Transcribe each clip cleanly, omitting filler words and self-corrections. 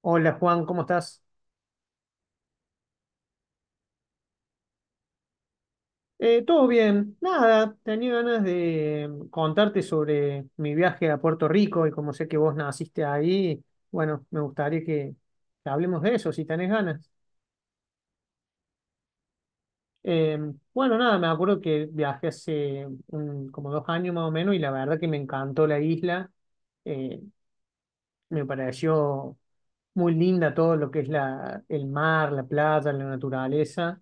Hola Juan, ¿cómo estás? Todo bien, nada, tenía ganas de contarte sobre mi viaje a Puerto Rico, y como sé que vos naciste ahí, bueno, me gustaría que hablemos de eso si tenés ganas. Eh, bueno, nada, me acuerdo que viajé hace como 2 años más o menos, y la verdad que me encantó la isla. Eh, Me pareció muy linda todo lo que es el mar, la playa, la naturaleza.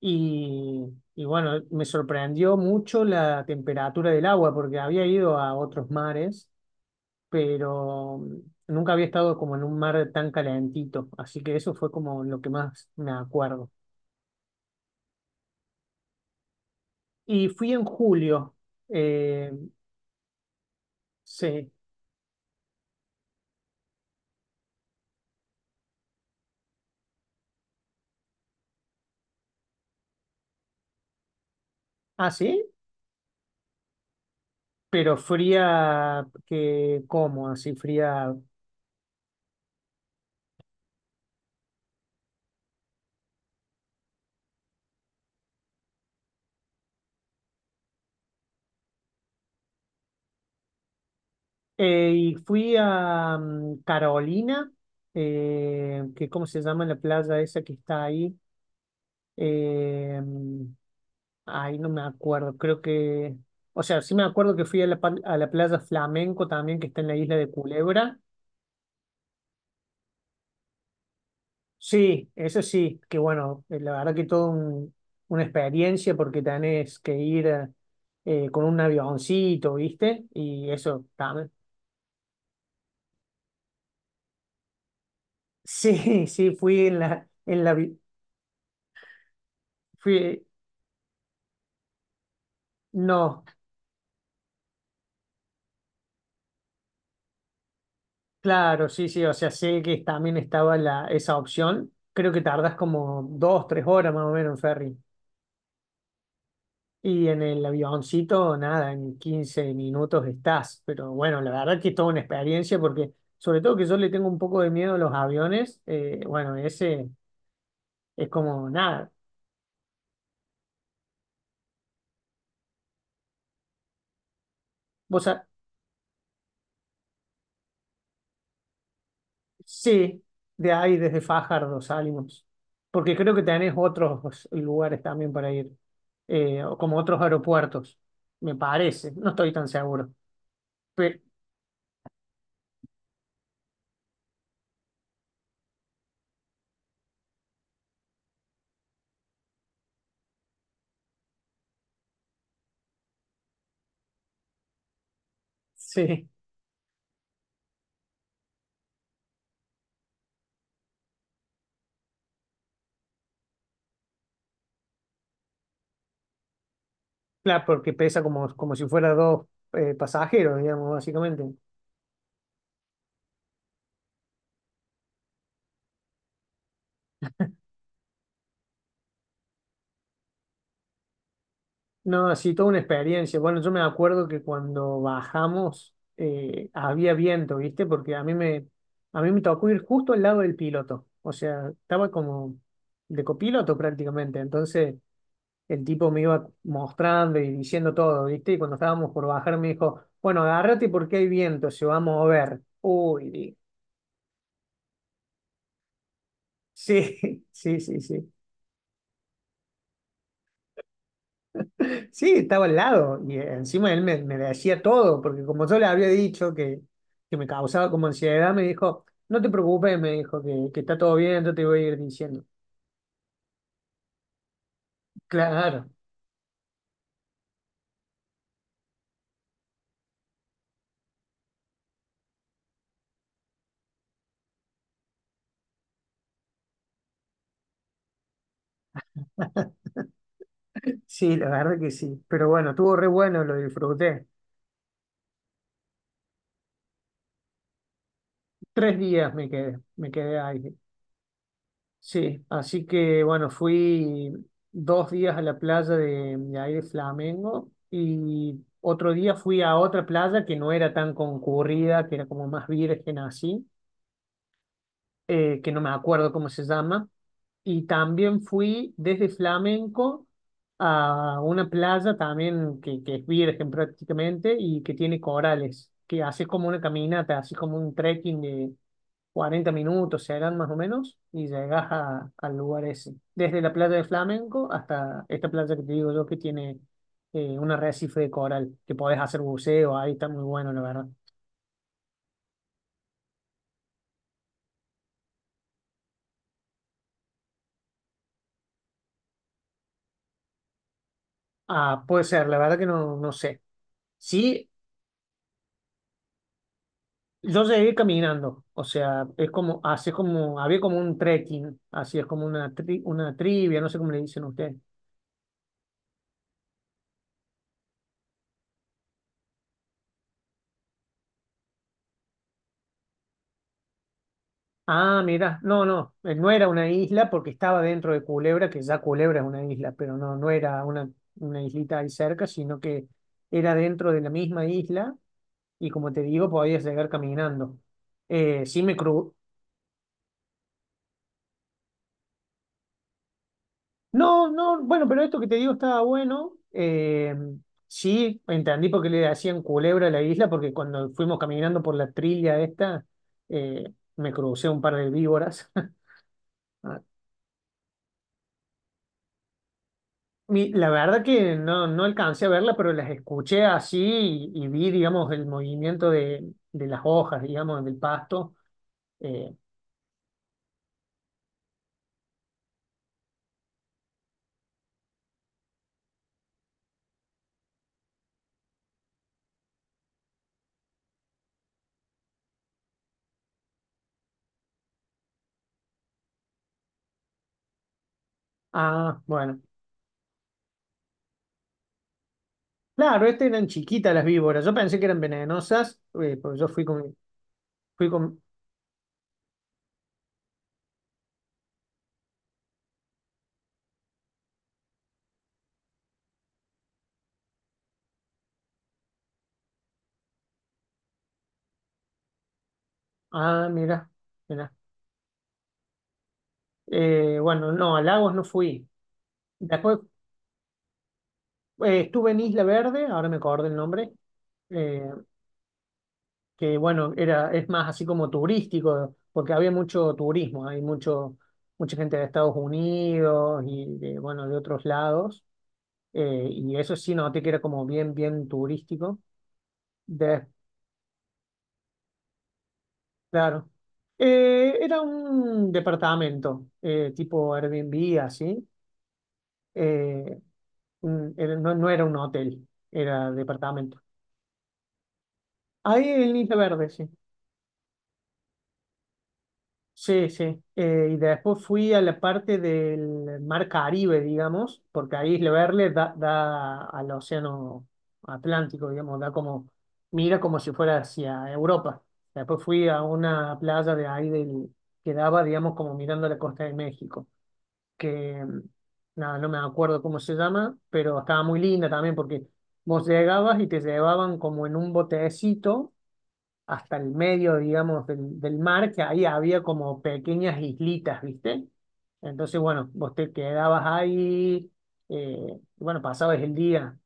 Y bueno, me sorprendió mucho la temperatura del agua porque había ido a otros mares, pero nunca había estado como en un mar tan calentito, así que eso fue como lo que más me acuerdo. Y fui en julio, eh, sí. Ah, sí, pero fría, que, ¿cómo? Así fría. Y fui a Carolina, que ¿cómo se llama la playa esa que está ahí? Eh, mm, Ay, no me acuerdo, creo que, o sea, sí me acuerdo que fui a a la playa Flamenco también, que está en la isla de Culebra. Sí, eso sí, que bueno, la verdad que todo una experiencia porque tenés que ir con un avioncito, ¿viste? Y eso también. Sí, sí, fui en la, vi- fui, no, claro, sí, sí, o sea, sé que también estaba la, esa opción. Creo que tardas como dos, 3 horas más o menos en ferry. Y en el avioncito, nada, en 15 minutos estás. Pero bueno, la verdad que es toda una experiencia porque, sobre todo que yo le tengo un poco de miedo a los aviones, bueno, ese es como nada. Vos sa- sí, de ahí desde Fajardo salimos. Porque creo que tenés otros lugares también para ir, o como otros aeropuertos, me parece. No estoy tan seguro. Pe- sí, claro, porque pesa como, si fuera dos pasajeros, digamos, básicamente. No, así toda una experiencia. Bueno, yo me acuerdo que cuando bajamos, había viento, ¿viste? Porque a mí me tocó ir justo al lado del piloto. O sea, estaba como de copiloto prácticamente. Entonces el tipo me iba mostrando y diciendo todo, ¿viste? Y cuando estábamos por bajar me dijo, bueno, agárrate porque hay viento, se va a mover. Uy, sí, sí, sí, sí. Sí, estaba al lado, y encima él me decía todo, porque como yo le había dicho que me causaba como ansiedad, me dijo, no te preocupes, me dijo que está todo bien, yo te voy a ir diciendo. Claro, sí, la verdad que sí, pero bueno, estuvo re bueno, lo disfruté. 3 días me quedé ahí. Sí, así que bueno, fui 2 días a la playa de ahí de Flamengo, y otro día fui a otra playa que no era tan concurrida, que era como más virgen así, que no me acuerdo cómo se llama. Y también fui desde Flamenco a una playa también que es virgen prácticamente, y que tiene corales, que haces como una caminata, así como un trekking de 40 minutos, serán más o menos, y llegas al lugar ese. Desde la playa de Flamenco hasta esta playa que te digo yo que tiene un arrecife de coral, que podés hacer buceo, ahí está muy bueno, la verdad. Ah, puede ser, la verdad que no, no sé. Sí. Yo llegué caminando, o sea, es como, así es como, había como un trekking, así es como una trivia, no sé cómo le dicen ustedes. Ah, mira, no, no, no era una isla porque estaba dentro de Culebra, que ya Culebra es una isla, pero no, no era una islita ahí cerca, sino que era dentro de la misma isla, y como te digo, podías llegar caminando. Eh, sí me cru- No, no, bueno, pero esto que te digo estaba bueno. Sí, entendí por qué le hacían culebra a la isla, porque cuando fuimos caminando por la trilla esta, me crucé un par de víboras. Ah, la verdad que no, no alcancé a verla, pero las escuché así, y vi, digamos, el movimiento de las hojas, digamos, del pasto. Eh, ah, bueno. Claro, estas eran chiquitas las víboras. Yo pensé que eran venenosas, porque yo fui con... Ah, mira. Bueno, no, a Lagos no fui. Después estuve en Isla Verde, ahora me acordé el nombre, eh, que bueno, era, es más así como turístico, porque había mucho turismo, hay mucho, mucha gente de Estados Unidos y de, bueno, de otros lados, y eso sí noté que era como bien, bien turístico. De, claro. Era un departamento, tipo Airbnb, así. eh, no, no era un hotel, era departamento. Ahí en Isla Verde, sí. Sí, sí. Y después fui a la parte del Mar Caribe, digamos, porque ahí Isla Verde da al Océano Atlántico, digamos, da como, mira, como si fuera hacia Europa. Después fui a una playa de ahí del, que daba, digamos, como mirando la costa de México, que nada, no me acuerdo cómo se llama, pero estaba muy linda también porque vos llegabas y te llevaban como en un botecito hasta el medio, digamos, del mar, que ahí había como pequeñas islitas, ¿viste? Entonces, bueno, vos te quedabas ahí, y bueno, pasabas el día.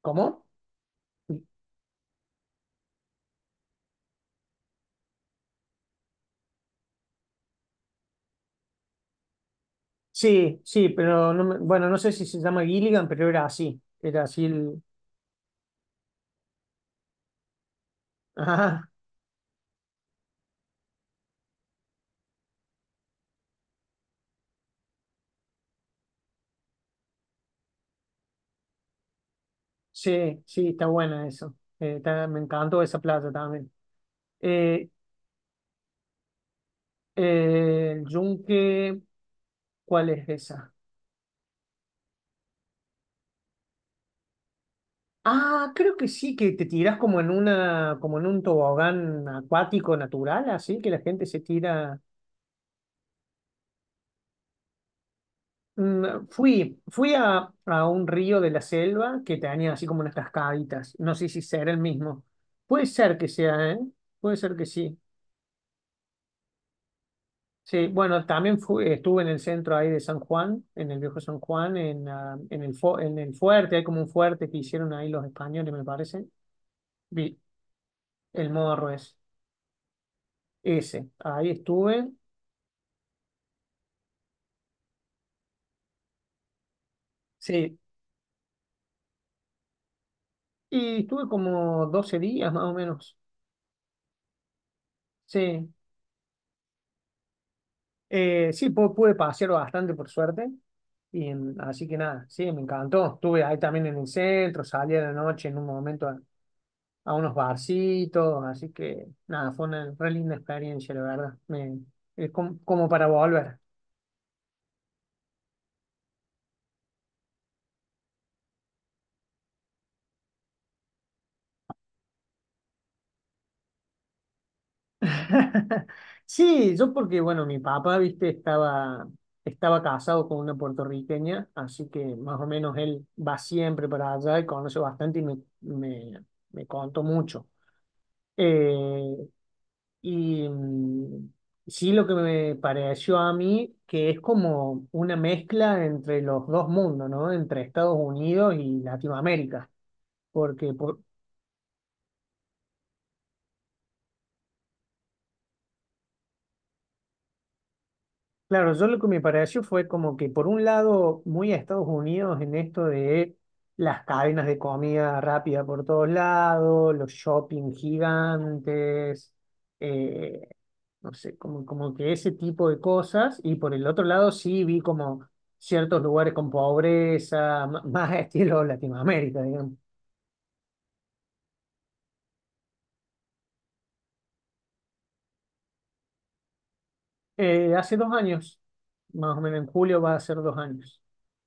¿Cómo? Sí, sí, pero bueno, no sé si se llama Gilligan, pero era así el... Ajá, sí, sí, está buena eso. Me encantó esa playa también. Eh, el yunque, ¿cuál es esa? Ah, creo que sí, que te tirás como en una, como en un tobogán acuático natural, así que la gente se tira. Mm, fui a un río de la selva que tenía así como unas cascaditas. No sé si será el mismo. Puede ser que sea, ¿eh? Puede ser que sí. Sí, bueno, también estuve en el centro ahí de San Juan, en el viejo San Juan, en, ah, en el, fu- en el fuerte, hay como un fuerte que hicieron ahí los españoles, me parece. Vi, el morro es ese. Ahí estuve. Sí. Y estuve como 12 días más o menos. Sí. Sí, pude pasear bastante por suerte. Así que nada, sí, me encantó. Estuve ahí también en el centro, salí a la noche en un momento a unos barcitos. Así que nada, fue una re linda experiencia, la verdad. Es como para volver. Sí, yo porque, bueno, mi papá, viste, estaba casado con una puertorriqueña, así que más o menos él va siempre para allá y conoce bastante, y me contó mucho. Eh, y sí, lo que me pareció a mí, que es como una mezcla entre los dos mundos, ¿no? Entre Estados Unidos y Latinoamérica, porque por- claro, yo lo que me pareció fue como que por un lado muy a Estados Unidos en esto de las cadenas de comida rápida por todos lados, los shopping gigantes, eh, no sé, como, que ese tipo de cosas. Y por el otro lado sí vi como ciertos lugares con pobreza, más estilo Latinoamérica, digamos. Hace 2 años, más o menos en julio va a ser 2 años.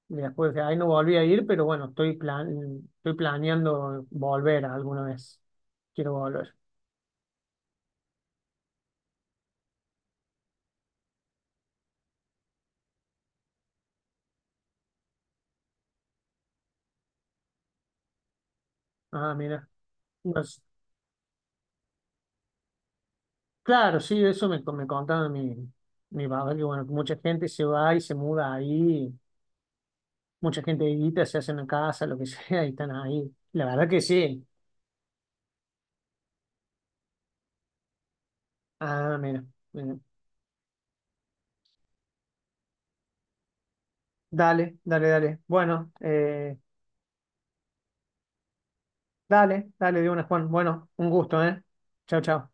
Y después, de ahí no volví a ir, pero bueno, estoy planeando volver alguna vez. Quiero volver. Ah, mira. Pues, claro, sí, eso me contaba mi papá, que bueno, mucha gente se va y se muda ahí, mucha gente edita, se hace una casa, lo que sea, y están ahí. La verdad que sí. Ah, mira. Mira. Dale, dale, dale. Bueno, dale, dale de una, Juan. Bueno, un gusto, ¿eh? Chao, chao.